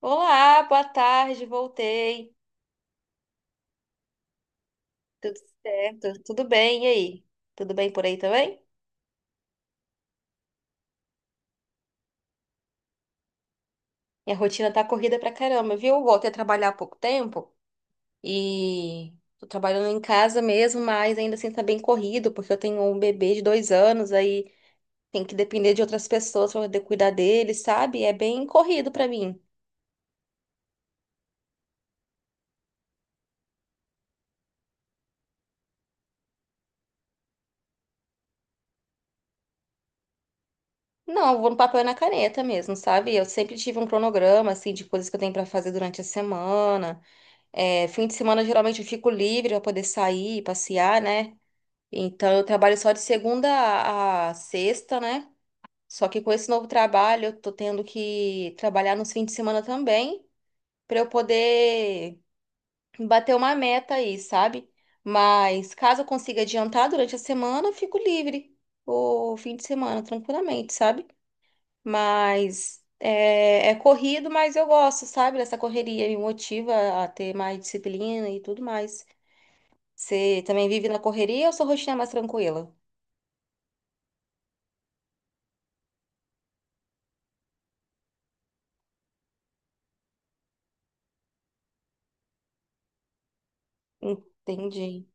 Olá, boa tarde, voltei. Tudo certo? Tudo bem, e aí? Tudo bem por aí também? Minha rotina tá corrida pra caramba, viu? Eu voltei a trabalhar há pouco tempo e tô trabalhando em casa mesmo, mas ainda assim tá bem corrido, porque eu tenho um bebê de dois anos, aí tem que depender de outras pessoas pra poder cuidar dele, sabe? É bem corrido pra mim. Não, eu vou no papel e na caneta mesmo, sabe? Eu sempre tive um cronograma, assim, de coisas que eu tenho pra fazer durante a semana. É, fim de semana geralmente eu fico livre para poder sair, passear, né? Então eu trabalho só de segunda a sexta, né? Só que com esse novo trabalho eu tô tendo que trabalhar nos fins de semana também para eu poder bater uma meta aí, sabe? Mas caso eu consiga adiantar durante a semana, eu fico livre o fim de semana tranquilamente, sabe? Mas é corrido, mas eu gosto, sabe? Dessa correria me motiva a ter mais disciplina e tudo mais. Você também vive na correria ou sua rotina é mais tranquila? Entendi,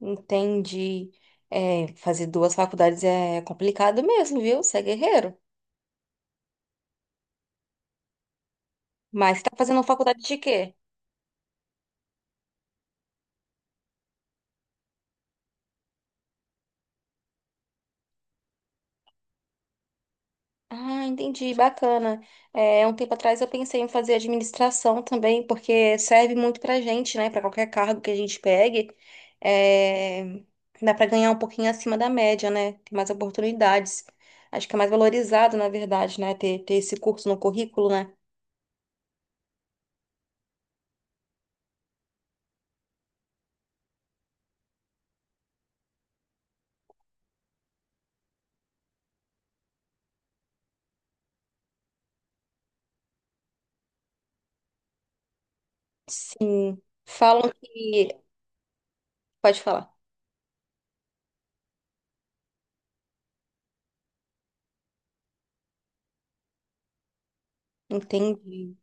entendi. É, fazer duas faculdades é complicado mesmo, viu? Você é guerreiro. Mas tá fazendo faculdade de quê? Ah, entendi, bacana. É, um tempo atrás eu pensei em fazer administração também, porque serve muito pra gente, né? Pra qualquer cargo que a gente pegue. É, dá pra ganhar um pouquinho acima da média, né? Tem mais oportunidades. Acho que é mais valorizado, na verdade, né? Ter esse curso no currículo, né? Sim, falam que. Pode falar. Entendi.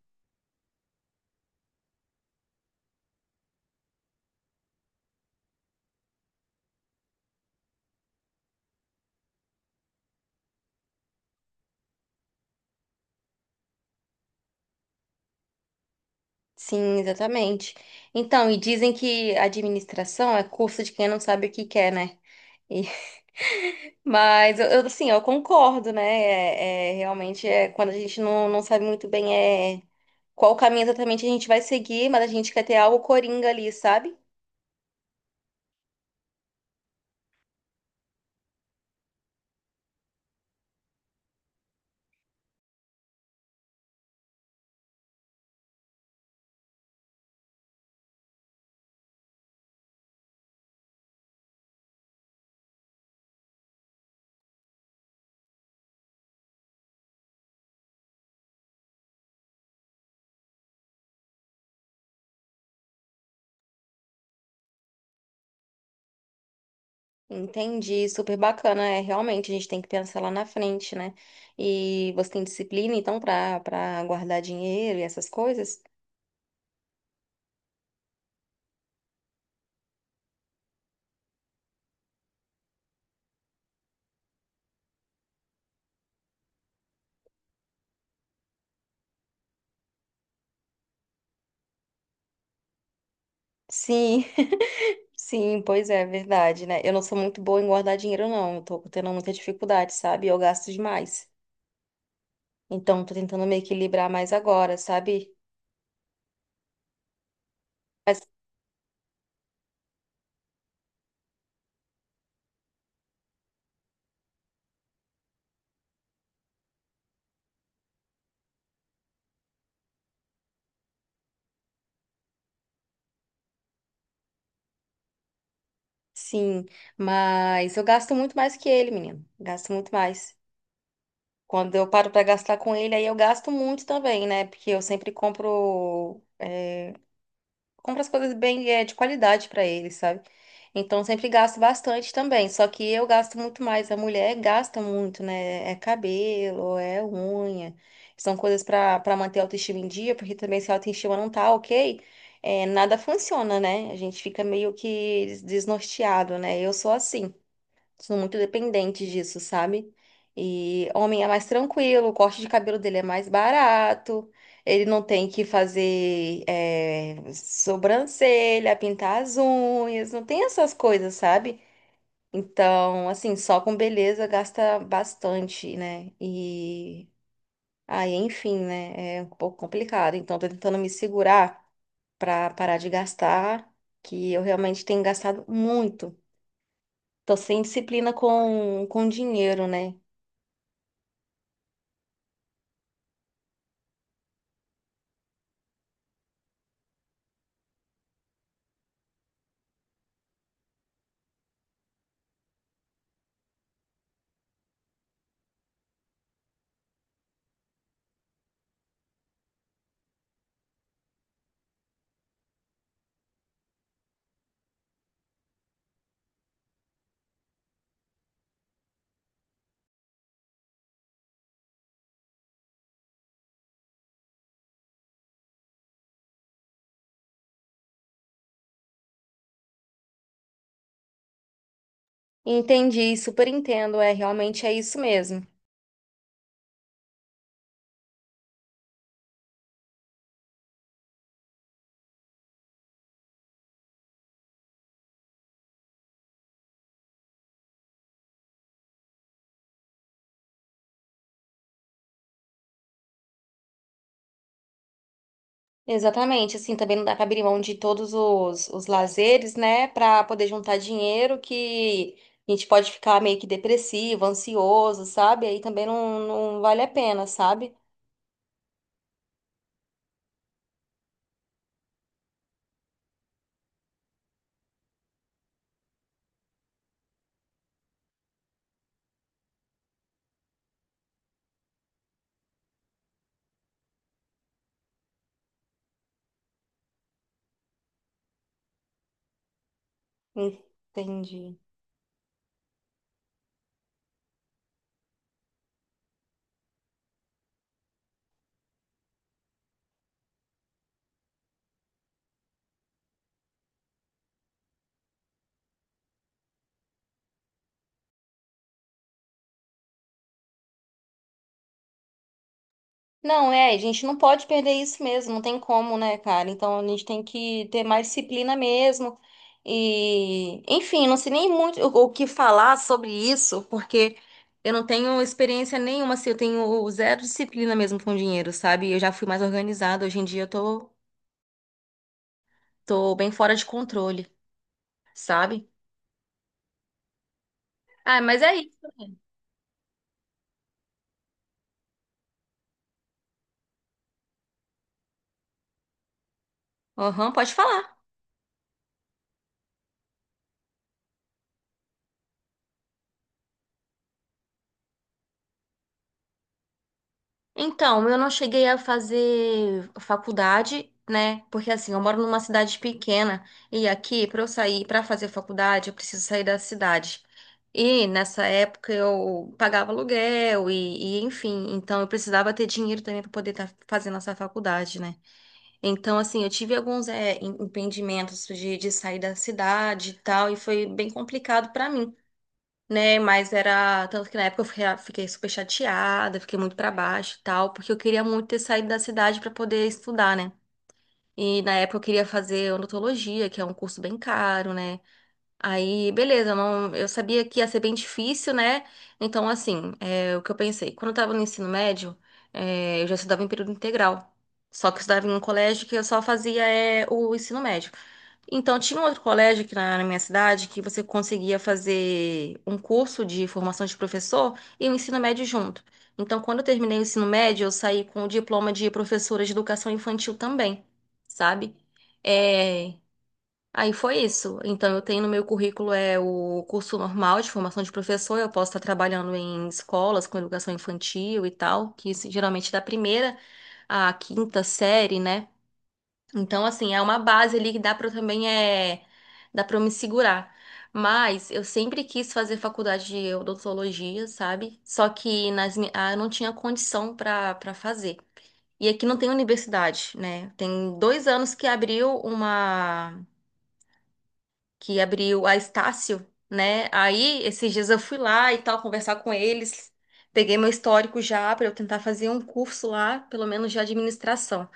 Sim, exatamente. Então, e dizem que administração é curso de quem não sabe o que quer, né? E- Mas, eu, assim, eu concordo, né? Realmente, quando a gente não sabe muito bem é, qual caminho exatamente a gente vai seguir, mas a gente quer ter algo coringa ali, sabe? Entendi, super bacana. É, realmente, a gente tem que pensar lá na frente, né? E você tem disciplina, então, para guardar dinheiro e essas coisas? Sim, sim, pois é, verdade, né? Eu não sou muito boa em guardar dinheiro, não. Eu tô tendo muita dificuldade, sabe? Eu gasto demais. Então, tô tentando me equilibrar mais agora, sabe? Mas, sim, mas eu gasto muito mais que ele, menino. Gasto muito mais. Quando eu paro pra gastar com ele, aí eu gasto muito também, né? Porque eu sempre compro as coisas bem, de qualidade pra eles, sabe? Então sempre gasto bastante também. Só que eu gasto muito mais. A mulher gasta muito, né? É cabelo, é unha. São coisas pra para manter a autoestima em dia, porque também se a autoestima não tá ok, nada funciona, né? A gente fica meio que desnorteado, né? Eu sou assim são muito dependentes disso, sabe? E homem é mais tranquilo, o corte de cabelo dele é mais barato, ele não tem que fazer sobrancelha, pintar as unhas, não tem essas coisas, sabe? Então, assim, só com beleza gasta bastante, né? E aí, enfim, né? É um pouco complicado. Então, tô tentando me segurar pra parar de gastar, que eu realmente tenho gastado muito. Tô sem disciplina com dinheiro, né? Entendi, super entendo. É, realmente é isso mesmo. Exatamente, assim, também não dá pra abrir mão de todos os lazeres, né, pra poder juntar dinheiro que a gente pode ficar meio que depressivo, ansioso, sabe? Aí também não, não vale a pena, sabe? Entendi. Não, é, a gente não pode perder isso mesmo, não tem como, né, cara? Então a gente tem que ter mais disciplina mesmo. E, enfim, não sei nem muito o que falar sobre isso, porque eu não tenho experiência nenhuma, assim, eu tenho zero disciplina mesmo com dinheiro, sabe? Eu já fui mais organizada, hoje em dia eu tô bem fora de controle, sabe? Ah, mas é isso. Aham, pode falar. Então, eu não cheguei a fazer faculdade, né? Porque assim, eu moro numa cidade pequena e aqui, para eu sair para fazer faculdade, eu preciso sair da cidade. E nessa época eu pagava aluguel e, enfim, então eu precisava ter dinheiro também para poder estar fazendo essa faculdade, né? Então, assim, eu tive alguns empreendimentos de sair da cidade e tal, e foi bem complicado para mim né? Mas era. Tanto que na época eu fiquei super chateada, fiquei muito pra baixo e tal, porque eu queria muito ter saído da cidade pra poder estudar, né? E na época eu queria fazer odontologia, que é um curso bem caro, né? Aí, beleza, eu não, eu sabia que ia ser bem difícil, né? Então, assim, o que eu pensei, quando eu tava no ensino médio, eu já estudava em período integral. Só que eu estudava em um colégio que eu só fazia o ensino médio. Então, tinha um outro colégio aqui na, na minha cidade que você conseguia fazer um curso de formação de professor e o ensino médio junto. Então, quando eu terminei o ensino médio, eu saí com o diploma de professora de educação infantil também, sabe? É, Aí foi isso. Então, eu tenho no meu currículo o curso normal de formação de professor. Eu posso estar trabalhando em escolas com educação infantil e tal, que isso, geralmente da primeira à quinta série, né? Então, assim, é uma base ali que dá para também dá para me segurar. Mas eu sempre quis fazer faculdade de odontologia, sabe? Só que ah, eu não tinha condição para fazer. E aqui não tem universidade, né? Tem dois anos que abriu uma que abriu a Estácio, né? Aí, esses dias eu fui lá e tal, conversar com eles. Peguei meu histórico já para eu tentar fazer um curso lá, pelo menos de administração.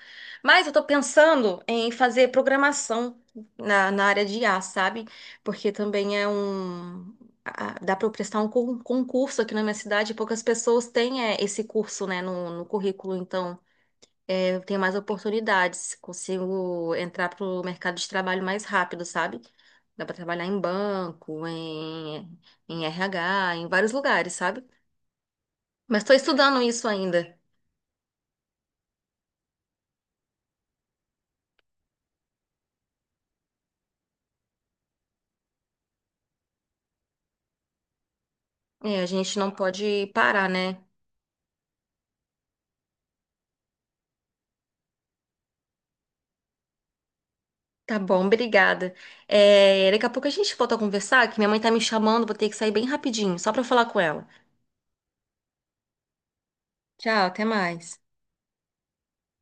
Mas eu tô pensando em fazer programação na área de IA, sabe? Porque também é um. Dá para eu prestar um concurso aqui na minha cidade, poucas pessoas têm esse curso, né, no currículo, então eu tenho mais oportunidades, consigo entrar para o mercado de trabalho mais rápido, sabe? Dá pra trabalhar em banco, em RH, em vários lugares, sabe? Mas tô estudando isso ainda. É, a gente não pode parar, né? Tá bom, obrigada. É, daqui a pouco a gente volta a conversar, que minha mãe tá me chamando, vou ter que sair bem rapidinho, só pra falar com ela. Tchau, até mais.